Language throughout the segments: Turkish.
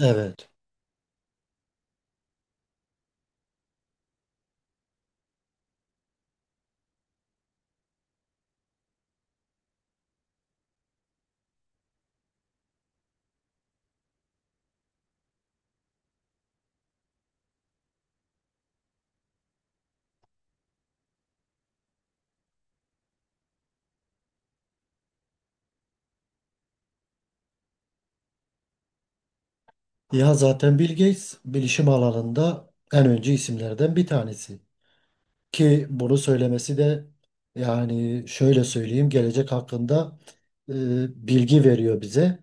Evet. Ya zaten Bill Gates bilişim alanında en öncü isimlerden bir tanesi. Ki bunu söylemesi de yani şöyle söyleyeyim gelecek hakkında e, bilgi veriyor bize.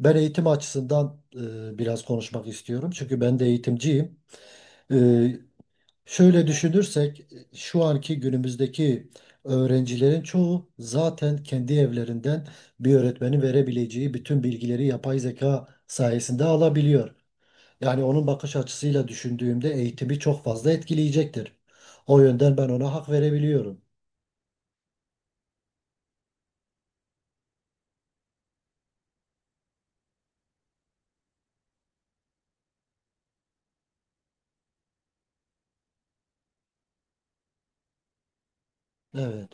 Ben eğitim açısından biraz konuşmak istiyorum. Çünkü ben de eğitimciyim. E, Şöyle düşünürsek şu anki günümüzdeki öğrencilerin çoğu zaten kendi evlerinden bir öğretmenin verebileceği bütün bilgileri yapay zeka sayesinde alabiliyor. Yani onun bakış açısıyla düşündüğümde eğitimi çok fazla etkileyecektir. O yönden ben ona hak verebiliyorum. Evet,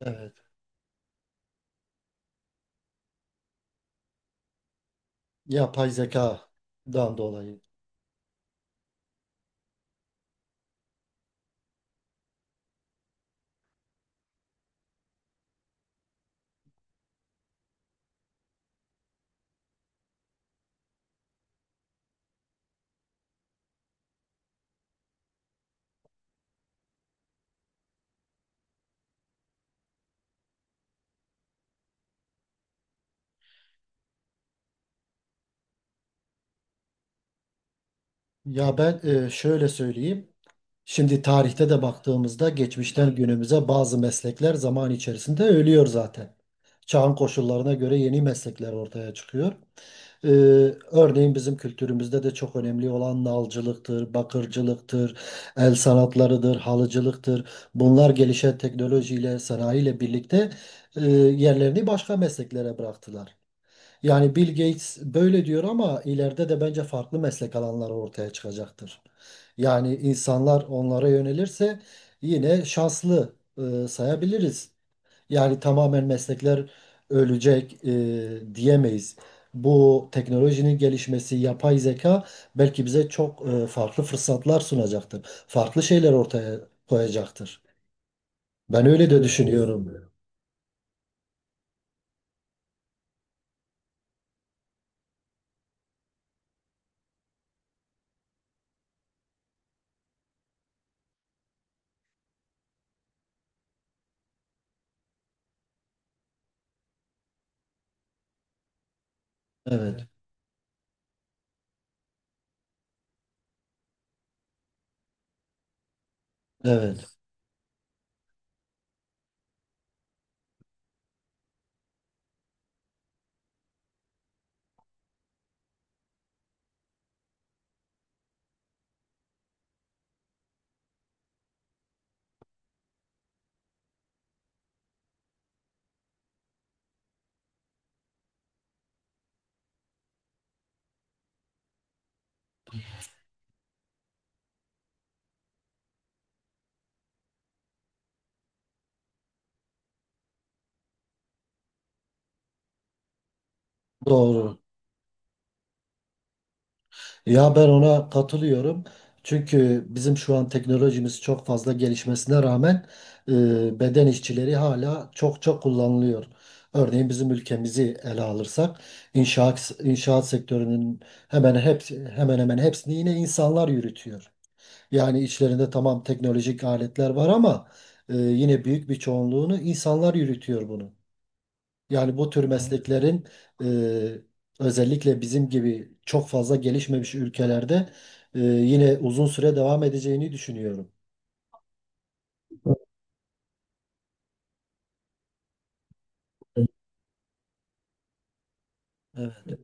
evet. Yapay zekadan dolayı. Ya ben şöyle söyleyeyim. Şimdi tarihte de baktığımızda geçmişten günümüze bazı meslekler zaman içerisinde ölüyor zaten. Çağın koşullarına göre yeni meslekler ortaya çıkıyor. Ee, Örneğin bizim kültürümüzde de çok önemli olan nalcılıktır, bakırcılıktır, el sanatlarıdır, halıcılıktır. Bunlar gelişen teknolojiyle, sanayiyle birlikte yerlerini başka mesleklere bıraktılar. Yani Bill Gates böyle diyor ama ileride de bence farklı meslek alanları ortaya çıkacaktır. Yani insanlar onlara yönelirse yine şanslı sayabiliriz. Yani tamamen meslekler ölecek diyemeyiz. Bu teknolojinin gelişmesi, yapay zeka belki bize çok farklı fırsatlar sunacaktır. Farklı şeyler ortaya koyacaktır. Ben öyle de düşünüyorum. Evet, evet, doğru. Ya ben ona katılıyorum. Çünkü bizim şu an teknolojimiz çok fazla gelişmesine rağmen beden işçileri hala çok çok kullanılıyor. Örneğin bizim ülkemizi ele alırsak inşaat sektörünün hemen hepsi hemen hemen hepsini yine insanlar yürütüyor. Yani içlerinde tamam teknolojik aletler var ama yine büyük bir çoğunluğunu insanlar yürütüyor bunu. Yani bu tür mesleklerin e, özellikle bizim gibi çok fazla gelişmemiş ülkelerde yine uzun süre devam edeceğini düşünüyorum. Evet.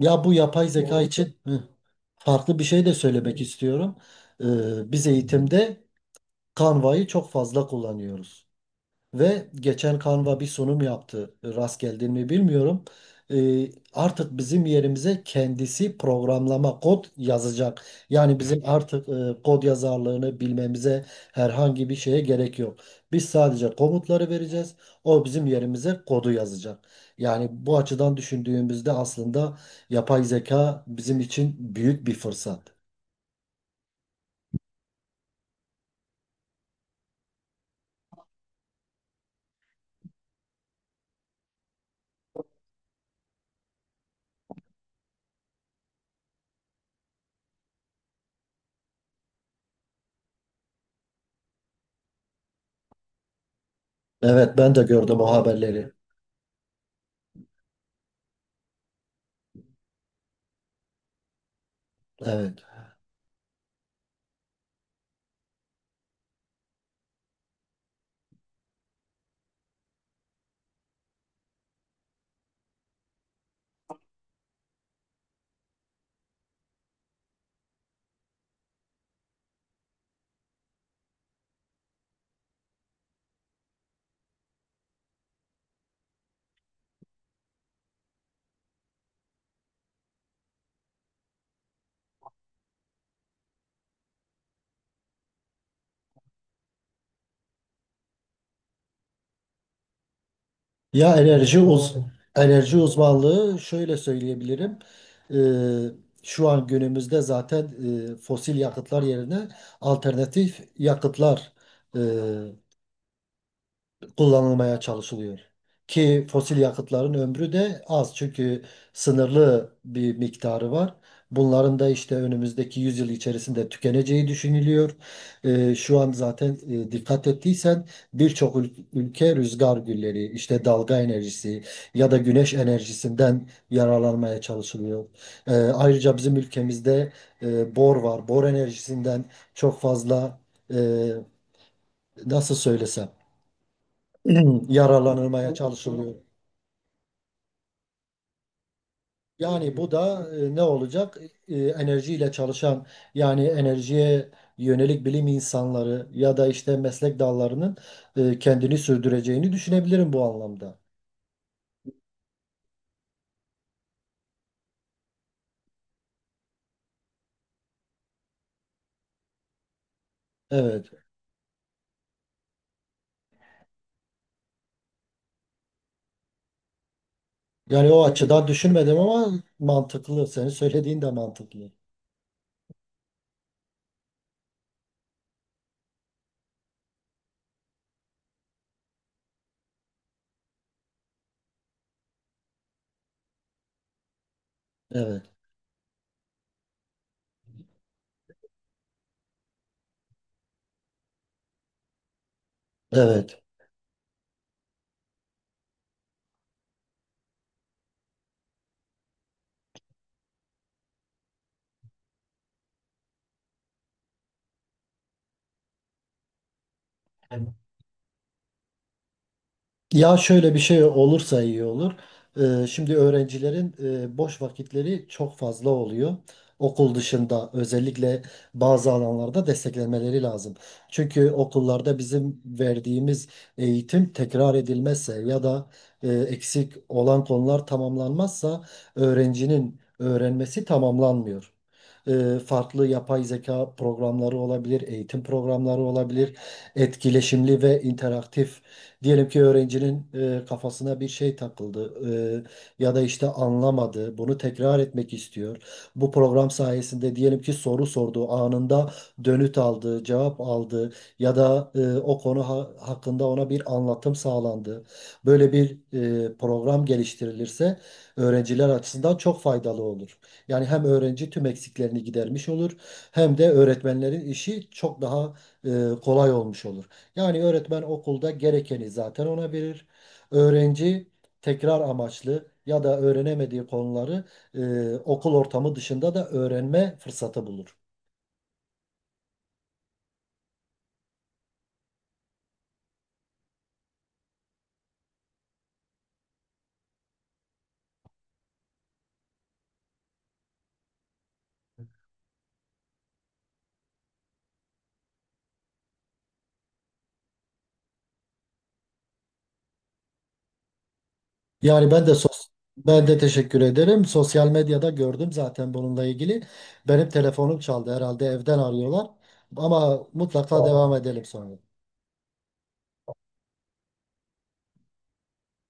Ya bu yapay zeka için farklı bir şey de söylemek istiyorum. E, biz eğitimde Canva'yı çok fazla kullanıyoruz. Ve geçen Canva bir sunum yaptı. Rast geldin mi bilmiyorum. Artık bizim yerimize kendisi programlama kod yazacak. Yani bizim artık kod yazarlığını bilmemize herhangi bir şeye gerek yok. Biz sadece komutları vereceğiz. O bizim yerimize kodu yazacak. Yani bu açıdan düşündüğümüzde aslında yapay zeka bizim için büyük bir fırsat. Evet, ben de gördüm o haberleri. Evet. Ya enerji uzmanlığı şöyle söyleyebilirim. Ee, Şu an günümüzde zaten fosil yakıtlar yerine alternatif yakıtlar kullanılmaya çalışılıyor. Ki fosil yakıtların ömrü de az çünkü sınırlı bir miktarı var. Bunların da işte önümüzdeki yüzyıl içerisinde tükeneceği düşünülüyor. Şu an zaten dikkat ettiysen birçok ülke rüzgar gülleri, işte dalga enerjisi ya da güneş enerjisinden yararlanmaya çalışılıyor. Ayrıca bizim ülkemizde bor var. Bor enerjisinden çok fazla e, nasıl söylesem yaralanılmaya çalışılıyor. Yani bu da ne olacak? E, enerjiyle çalışan yani enerjiye yönelik bilim insanları ya da işte meslek dallarının kendini sürdüreceğini düşünebilirim bu anlamda. Evet. Yani o açıdan düşünmedim ama mantıklı. Senin söylediğin de mantıklı. Evet. Evet. Ya şöyle bir şey olursa iyi olur. Şimdi öğrencilerin boş vakitleri çok fazla oluyor. Okul dışında özellikle bazı alanlarda desteklemeleri lazım. Çünkü okullarda bizim verdiğimiz eğitim tekrar edilmezse ya da eksik olan konular tamamlanmazsa öğrencinin öğrenmesi tamamlanmıyor. Farklı yapay zeka programları olabilir, eğitim programları olabilir, etkileşimli ve interaktif. Diyelim ki öğrencinin kafasına bir şey takıldı, ya da işte anlamadı, bunu tekrar etmek istiyor. Bu program sayesinde diyelim ki soru sordu, anında dönüt aldı, cevap aldı ya da o konu hakkında ona bir anlatım sağlandı. Böyle bir program geliştirilirse öğrenciler açısından çok faydalı olur. Yani hem öğrenci tüm eksiklerini gidermiş olur hem de öğretmenlerin işi çok daha kolay olmuş olur. Yani öğretmen okulda gerekeni zaten ona verir. Öğrenci tekrar amaçlı ya da öğrenemediği konuları okul ortamı dışında da öğrenme fırsatı bulur. Yani ben de sos Ben de teşekkür ederim. Sosyal medyada gördüm zaten bununla ilgili. Benim telefonum çaldı herhalde evden arıyorlar. Ama mutlaka. Tamam, devam edelim sonra.